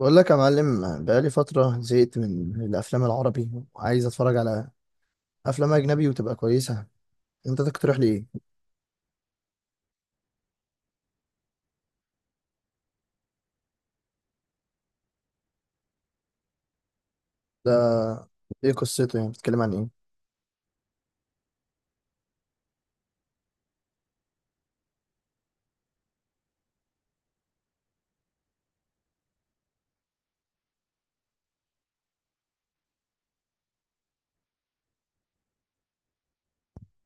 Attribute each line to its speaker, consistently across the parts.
Speaker 1: بقول لك يا معلم، بقالي فترة زهقت من الأفلام العربي وعايز أتفرج على أفلام أجنبي وتبقى كويسة. أنت تقترح لي إيه؟ ده إيه قصته؟ يعني بتتكلم عن إيه؟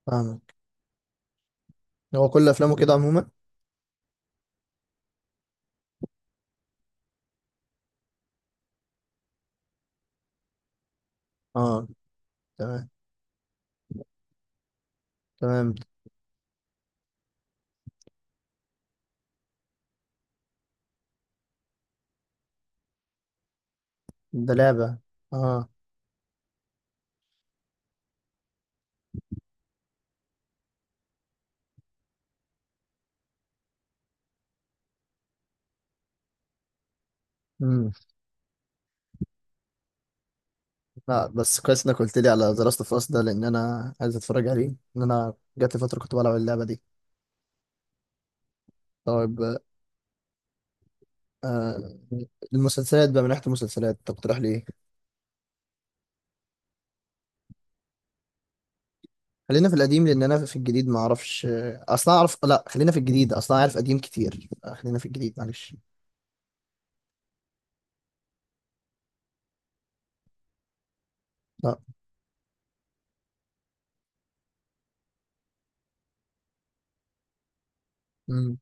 Speaker 1: فاهمك. هو كل أفلامه كده عموما؟ آه، تمام. تمام. ده لعبة. آه. مم. لا بس كويس إنك قلت لي على ذا لاست أوف أس ده، لأن أنا عايز أتفرج عليه. إن أنا جات لي فترة كنت بلعب اللعبة دي. طيب. آه. المسلسلات بقى، من ناحية المسلسلات تقترح لي إيه؟ خلينا في القديم، لان انا في الجديد ما اعرفش اصلا. اعرف، لا خلينا في الجديد، اصلا اعرف قديم كتير. خلينا في الجديد معلش. لا. مم.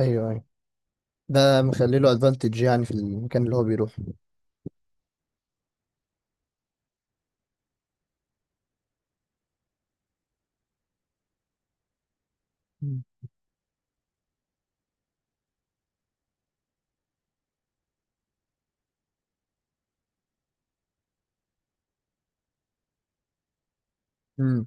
Speaker 1: ايوه ايوه. ده مخلي له ادفانتج يعني في المكان اللي هو بيروح. امم.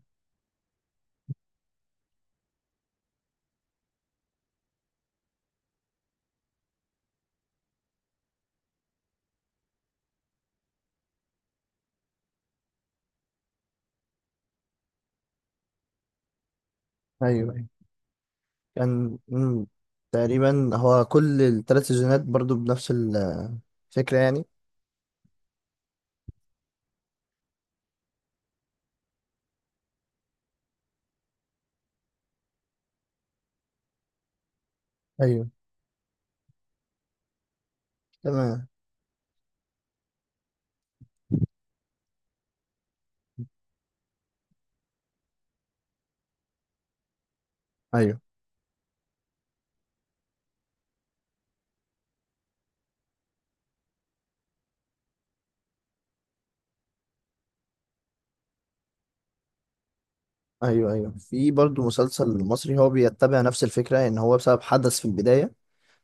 Speaker 1: ايوه ايوه. كان. مم. تقريبا هو كل الثلاث سيزونات برضو بنفس الفكره يعني. ايوه. تمام. ايوه ايوه. ايوه في برضو مسلسل مصري هو بيتبع نفس الفكره، ان هو بسبب حدث في البدايه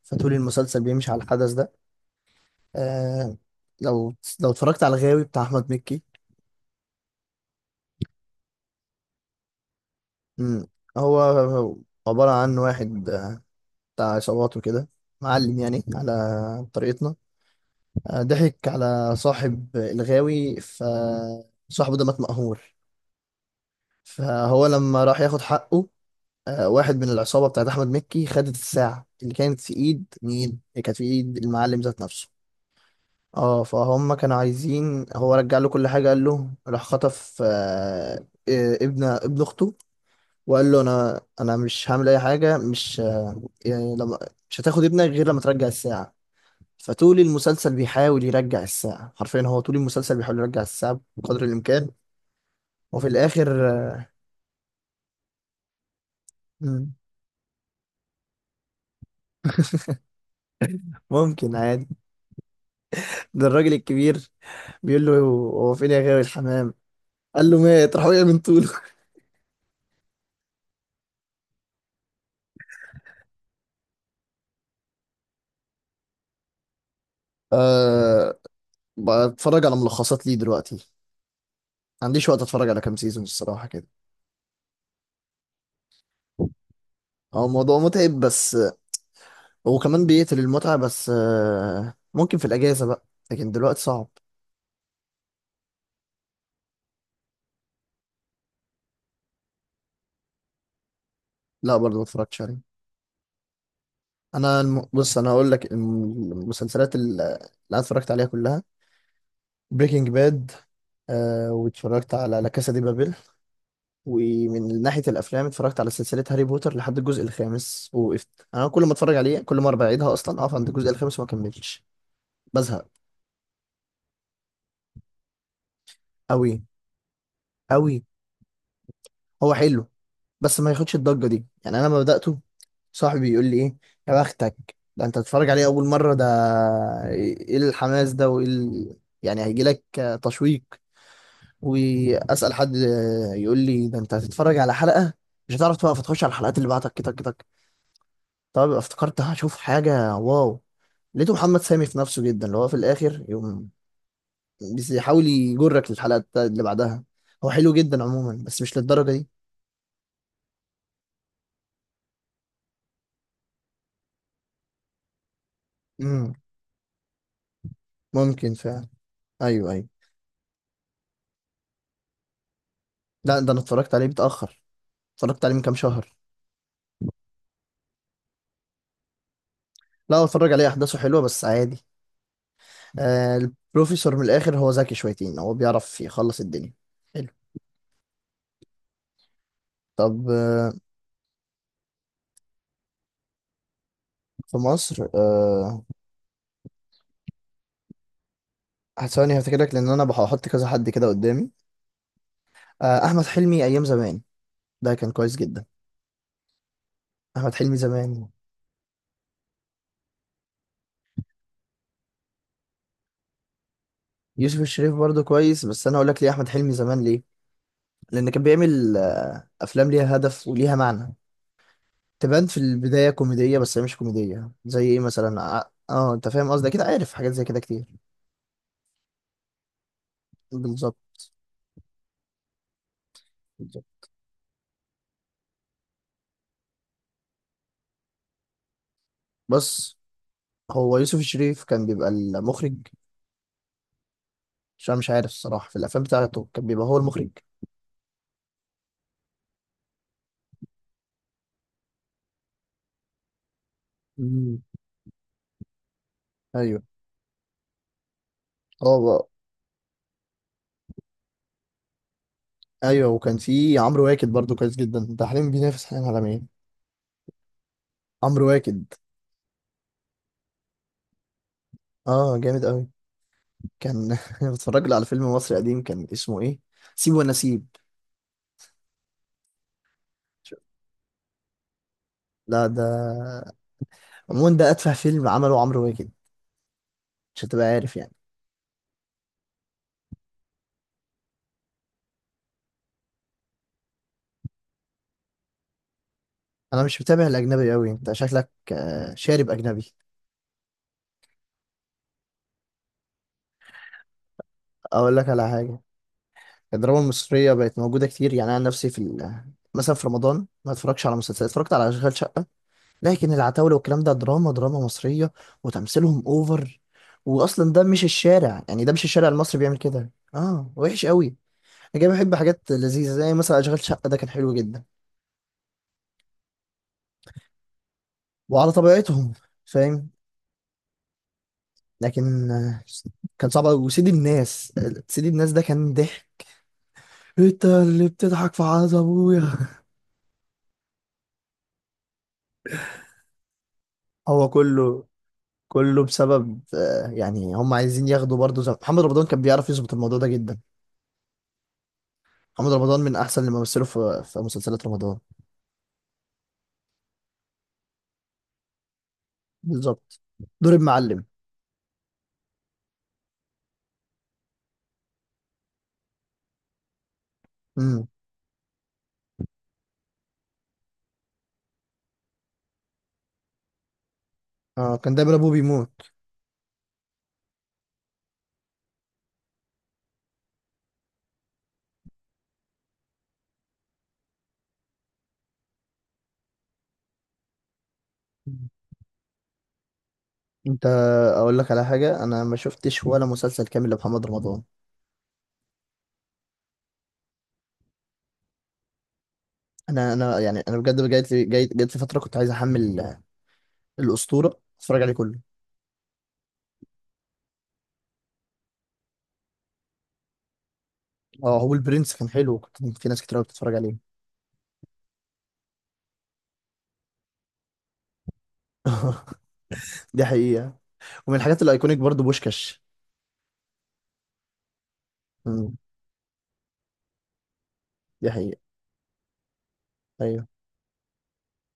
Speaker 1: فطول المسلسل بيمشي على الحدث ده. آه، لو لو اتفرجت على الغاوي بتاع احمد مكي. مم. هو عبارة عن واحد بتاع عصابات وكده، معلم يعني على طريقتنا. ضحك على صاحب الغاوي فصاحبه ده مات مقهور. فهو لما راح ياخد حقه، واحد من العصابة بتاعت أحمد مكي خدت الساعة اللي كانت في إيد مين؟ اللي كانت في إيد المعلم ذات نفسه. اه فهم كانوا عايزين هو رجع له كل حاجة، قال له راح خطف ابن أخته، وقال له انا مش هعمل اي حاجه، مش يعني لما، مش هتاخد ابنك غير لما ترجع الساعه. فطول المسلسل بيحاول يرجع الساعه، حرفيا هو طول المسلسل بيحاول يرجع الساعه بقدر الامكان وفي الاخر. مم، ممكن عادي. ده الراجل الكبير بيقول له: هو فين يا غاوي الحمام؟ قال له مات، راح وقع من طوله. أه. بتفرج على ملخصات ليه دلوقتي، ما عنديش وقت اتفرج على كام سيزون الصراحه كده. هو الموضوع متعب بس، وكمان بيقتل المتعة، بس ممكن في الأجازة بقى، لكن دلوقتي صعب. لا برضه ما اتفرجتش عليه. أنا بص، أنا هقول لك المسلسلات اللي أنا اتفرجت عليها كلها: بريكنج باد، آه، واتفرجت على لا كاسا دي بابيل. ومن ناحية الأفلام اتفرجت على سلسلة هاري بوتر لحد الجزء الخامس ووقفت. أنا كل ما اتفرج عليه كل مرة بعيدها أصلا أقف عند الجزء الخامس وما أكملش، بزهق. أوي أوي. هو حلو بس ما ياخدش الضجة دي. يعني أنا لما بدأته صاحبي يقول لي ايه: يا بختك ده انت تتفرج عليه اول مره، ده ايه الحماس ده، وايه يعني هيجي لك تشويق. واسال حد يقول لي: ده انت هتتفرج على حلقه مش هتعرف توقف، تخش على الحلقات اللي بعدك كده كده. طب يبقى افتكرت هشوف حاجه واو. لقيته محمد سامي في نفسه جدا، اللي هو في الاخر يقوم بس يحاول يجرك للحلقه اللي بعدها. هو حلو جدا عموما بس مش للدرجه دي. امم، ممكن فعلا. ايوه ايوه. لا ده انا اتفرجت عليه متاخر، اتفرجت عليه من كام شهر. لا هو اتفرج عليه، احداثه حلوه بس عادي. آه البروفيسور من الاخر هو ذكي شويتين، هو بيعرف يخلص الدنيا. حلو. طب آه. في مصر، آه ثواني هفتكرك لان انا بحط كذا حد كده قدامي. آه احمد حلمي ايام زمان، ده كان كويس جدا. احمد حلمي زمان. يوسف الشريف برضه كويس، بس انا اقول لك ليه احمد حلمي زمان ليه. لان كان بيعمل افلام ليها هدف وليها معنى، تبان في البدايه كوميديه بس هي مش كوميديه زي ايه مثلا، انت فاهم قصدي، اكيد عارف حاجات زي كده كتير. بالظبط. بالظبط، بس هو يوسف الشريف كان بيبقى المخرج؟ عشان أنا مش عارف الصراحة في الافلام بتاعته كان بيبقى هو المخرج. مم. ايوه. هو ايوه. وكان في عمرو واكد برضو كويس جدا، ده حاليا بينافس حاليا على مين؟ عمرو واكد. اه جامد قوي. كان بتفرج له على فيلم مصري قديم كان اسمه ايه، سيب ونسيب. لا ده، عموما ده اتفه فيلم عمله عمرو واكد، مش هتبقى عارف يعني. انا مش متابع الاجنبي قوي، انت شكلك شارب اجنبي. اقول لك على حاجه، الدراما المصرية بقت موجودة كتير، يعني أنا نفسي في مثلا في رمضان ما اتفرجش على مسلسلات، اتفرجت على أشغال شقة. لكن العتاولة والكلام ده دراما دراما مصرية وتمثيلهم أوفر، وأصلا ده مش الشارع، يعني ده مش الشارع المصري بيعمل كده، آه وحش قوي. أنا جاي بحب حاجات لذيذة زي مثلا أشغال شقة ده كان حلو جدا، وعلى طبيعتهم. فاهم. لكن كان صعب أوي وسيد الناس، سيد الناس ده كان ضحك. انت اللي بتضحك في عز ابويا. هو كله، كله بسبب يعني هم عايزين ياخدوا برضه زي محمد رمضان كان بيعرف يظبط الموضوع ده جدا. محمد رمضان من احسن اللي مثلوا في مسلسلات رمضان. بالظبط، دور المعلم. امم. اه كان دايما ابوه بيموت. مم. انت، اقول لك على حاجه، انا ما شفتش ولا مسلسل كامل لمحمد رمضان. انا يعني انا بجد جات لي جات لي فتره كنت عايز احمل الاسطوره، اتفرج عليه كله. اه هو البرنس كان حلو، كنت في ناس كتير قوي بتتفرج عليه. دي حقيقه. ومن الحاجات الايكونيك برضه بوشكاش. امم. دي حقيقه. ايوه